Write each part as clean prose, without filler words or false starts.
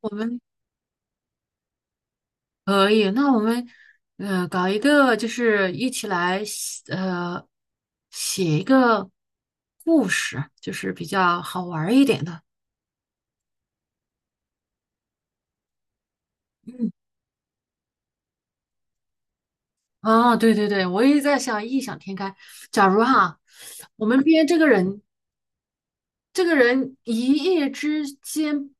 我们可以，那我们搞一个，就是一起来写一个故事，就是比较好玩儿一点的。啊，对对对，我也在想异想天开。假如哈，我们编这个人，这个人一夜之间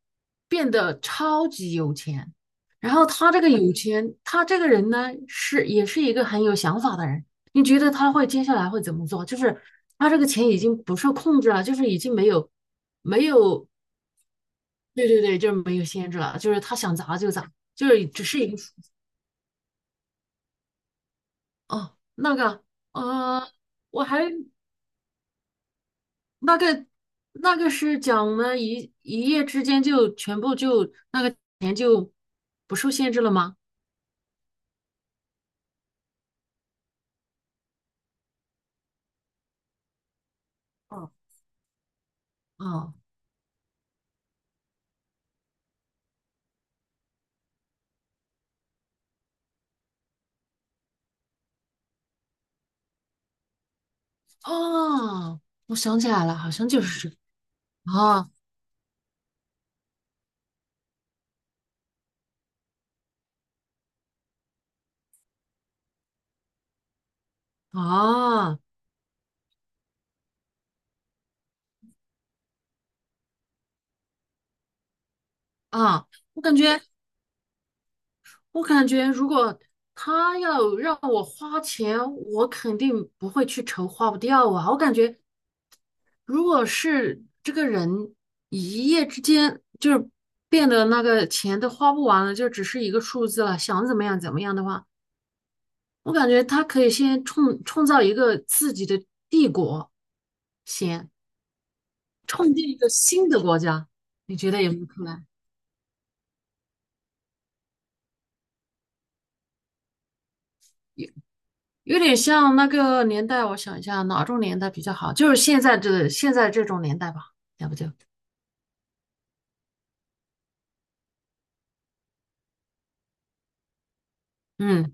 变得超级有钱，然后他这个有钱，他这个人呢是也是一个很有想法的人。你觉得他会接下来会怎么做？就是他这个钱已经不受控制了，就是已经没有，对对对，就是没有限制了，就是他想砸就砸，就是只是一个。哦，呃，我还那个那个是讲我们一夜之间就全部就那个钱就不受限制了吗？哦，哦哦，我想起来了，好像就是这个。啊啊啊！我感觉我感觉，如果他要让我花钱，我肯定不会去愁花不掉啊。我感觉如果是这个人一夜之间就是变得那个钱都花不完了，就只是一个数字了，想怎么样怎么样的话，我感觉他可以先创造一个自己的帝国，先创建一个新的国家，你觉得有没有可能？有有点像那个年代，我想一下哪种年代比较好，就是现在这种年代吧，要不就。嗯。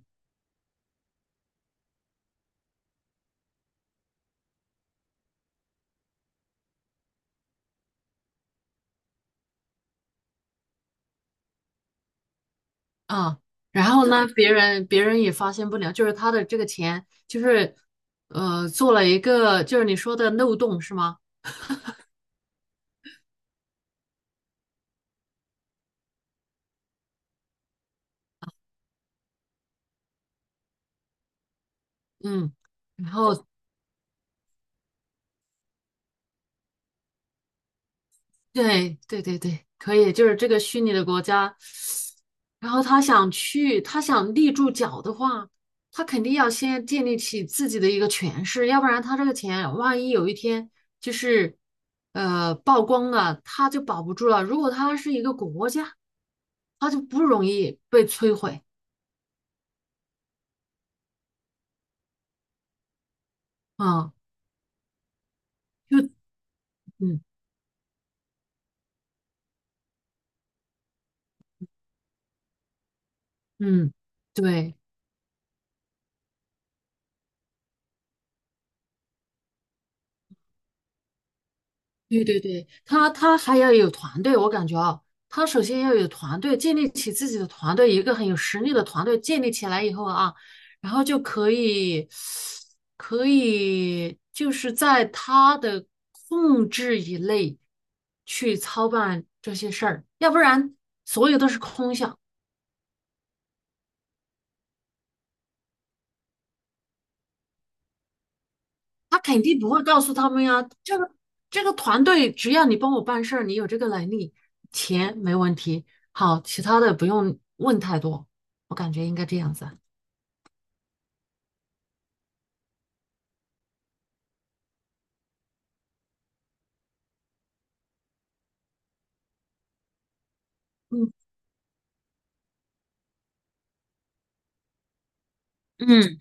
啊，然后呢，别人也发现不了，就是他的这个钱，就是做了一个就是你说的漏洞是吗？嗯，然后对对对对，可以，就是这个虚拟的国家，然后他想去，他想立住脚的话，他肯定要先建立起自己的一个权势，要不然他这个钱万一有一天就是曝光了，他就保不住了。如果他是一个国家，他就不容易被摧毁。啊。就嗯嗯，对对对对，他还要有团队，我感觉啊，他首先要有团队，建立起自己的团队，一个很有实力的团队建立起来以后啊，然后就可以就是在他的控制以内去操办这些事儿，要不然所有都是空想。他肯定不会告诉他们呀。这个团队，只要你帮我办事儿，你有这个能力，钱没问题。好，其他的不用问太多，我感觉应该这样子啊。嗯嗯。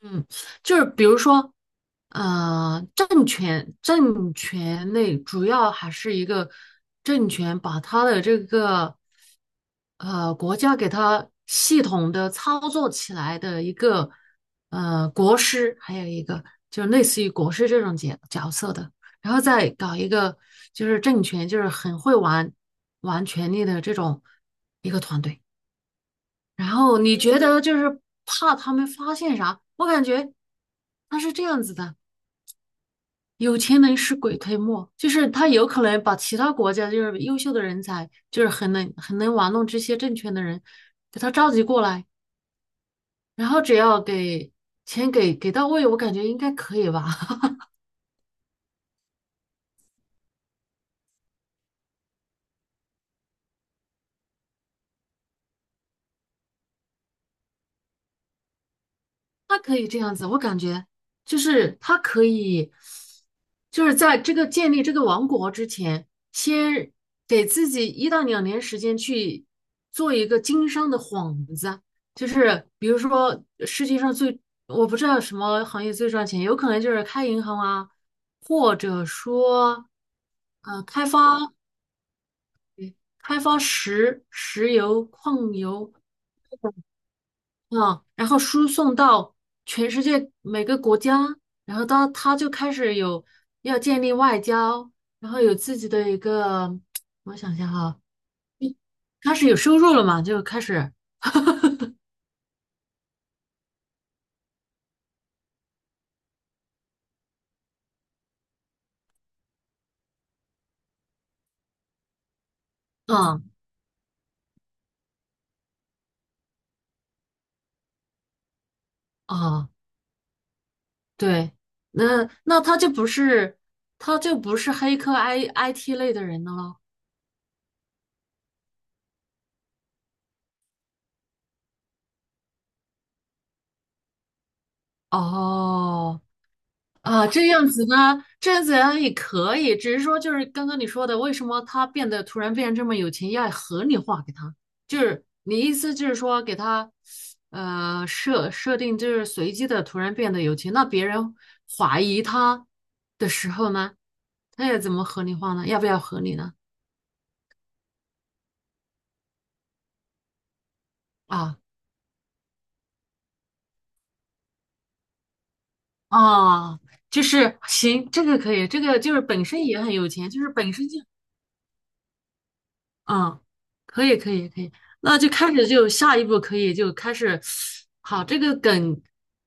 嗯，就是比如说，政权类主要还是一个政权把他的这个国家给他系统的操作起来的一个国师，还有一个就是类似于国师这种角色的，然后再搞一个就是政权，就是很会玩权力的这种一个团队。然后你觉得就是怕他们发现啥？我感觉他是这样子的，有钱能使鬼推磨，就是他有可能把其他国家就是优秀的人才，就是很能玩弄这些政权的人，给他召集过来，然后只要给钱给到位，我感觉应该可以吧。他可以这样子，我感觉就是他可以，就是在这个建立这个王国之前，先给自己一到两年时间去做一个经商的幌子，就是比如说世界上最，我不知道什么行业最赚钱，有可能就是开银行啊，或者说呃开发开发石油矿油。嗯，然后输送到全世界每个国家，然后到他就开始有要建立外交，然后有自己的一个，我想想哈，开始有收入了嘛，就开始。嗯，嗯啊，对，那他就不是黑客 IT 类的人了咯。哦，啊，这样子呢，这样子呢也可以，只是说就是刚刚你说的，为什么他变得突然变得这么有钱，要合理化给他，就是你意思就是说给他，设定就是随机的突然变得有钱，那别人怀疑他的时候呢，他要怎么合理化呢？要不要合理呢？啊啊，就是行，这个可以，这个就是本身也很有钱，就是本身就。嗯，可以，可以，可以，那就开始就下一步可以就开始。好，这个梗，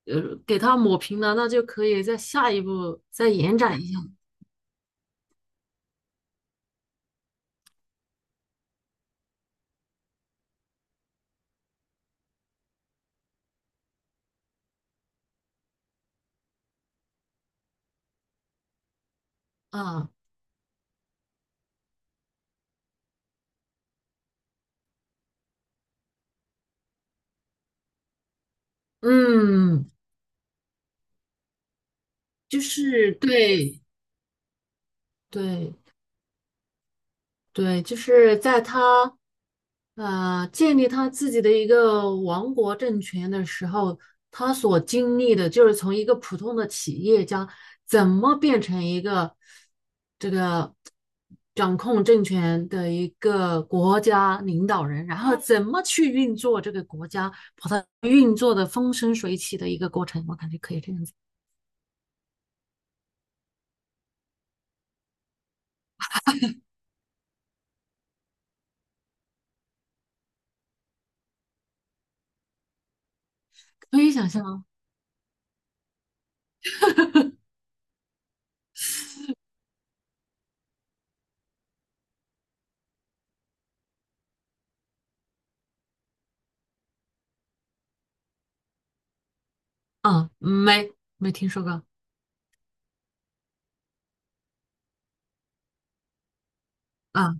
给它抹平了，那就可以在下一步再延展一下。嗯嗯，就是对对，对，就是在他建立他自己的一个王国政权的时候，他所经历的就是从一个普通的企业家怎么变成一个这个掌控政权的一个国家领导人，然后怎么去运作这个国家，把它运作的风生水起的一个过程，我感觉可以这样子，可以想象吗？啊，没听说过。啊，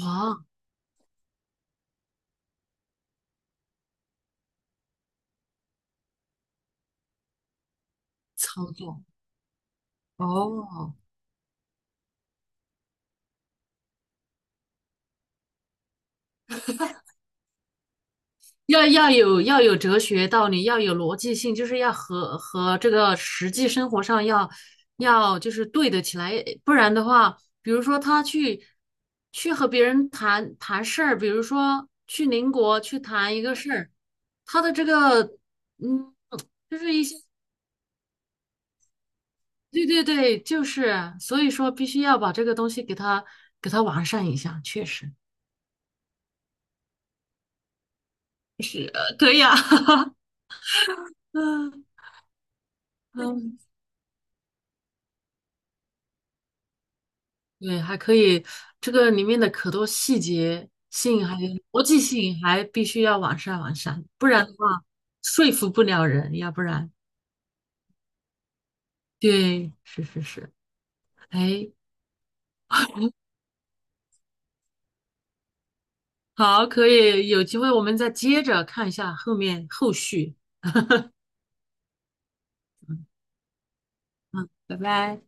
哇，操作哦。要有要有哲学道理，要有逻辑性，就是要和这个实际生活上要就是对得起来，不然的话，比如说他去和别人谈谈事儿，比如说去邻国去谈一个事儿，他的这个。嗯，就是对对对，就是所以说必须要把这个东西给他完善一下，确实可以啊。嗯嗯。对，还可以，这个里面的可多细节性还有逻辑性还必须要完善完善，不然的话说服不了人，要不然，对，是是是，哎，好，可以，有机会我们再接着看一下后面后续，拜拜。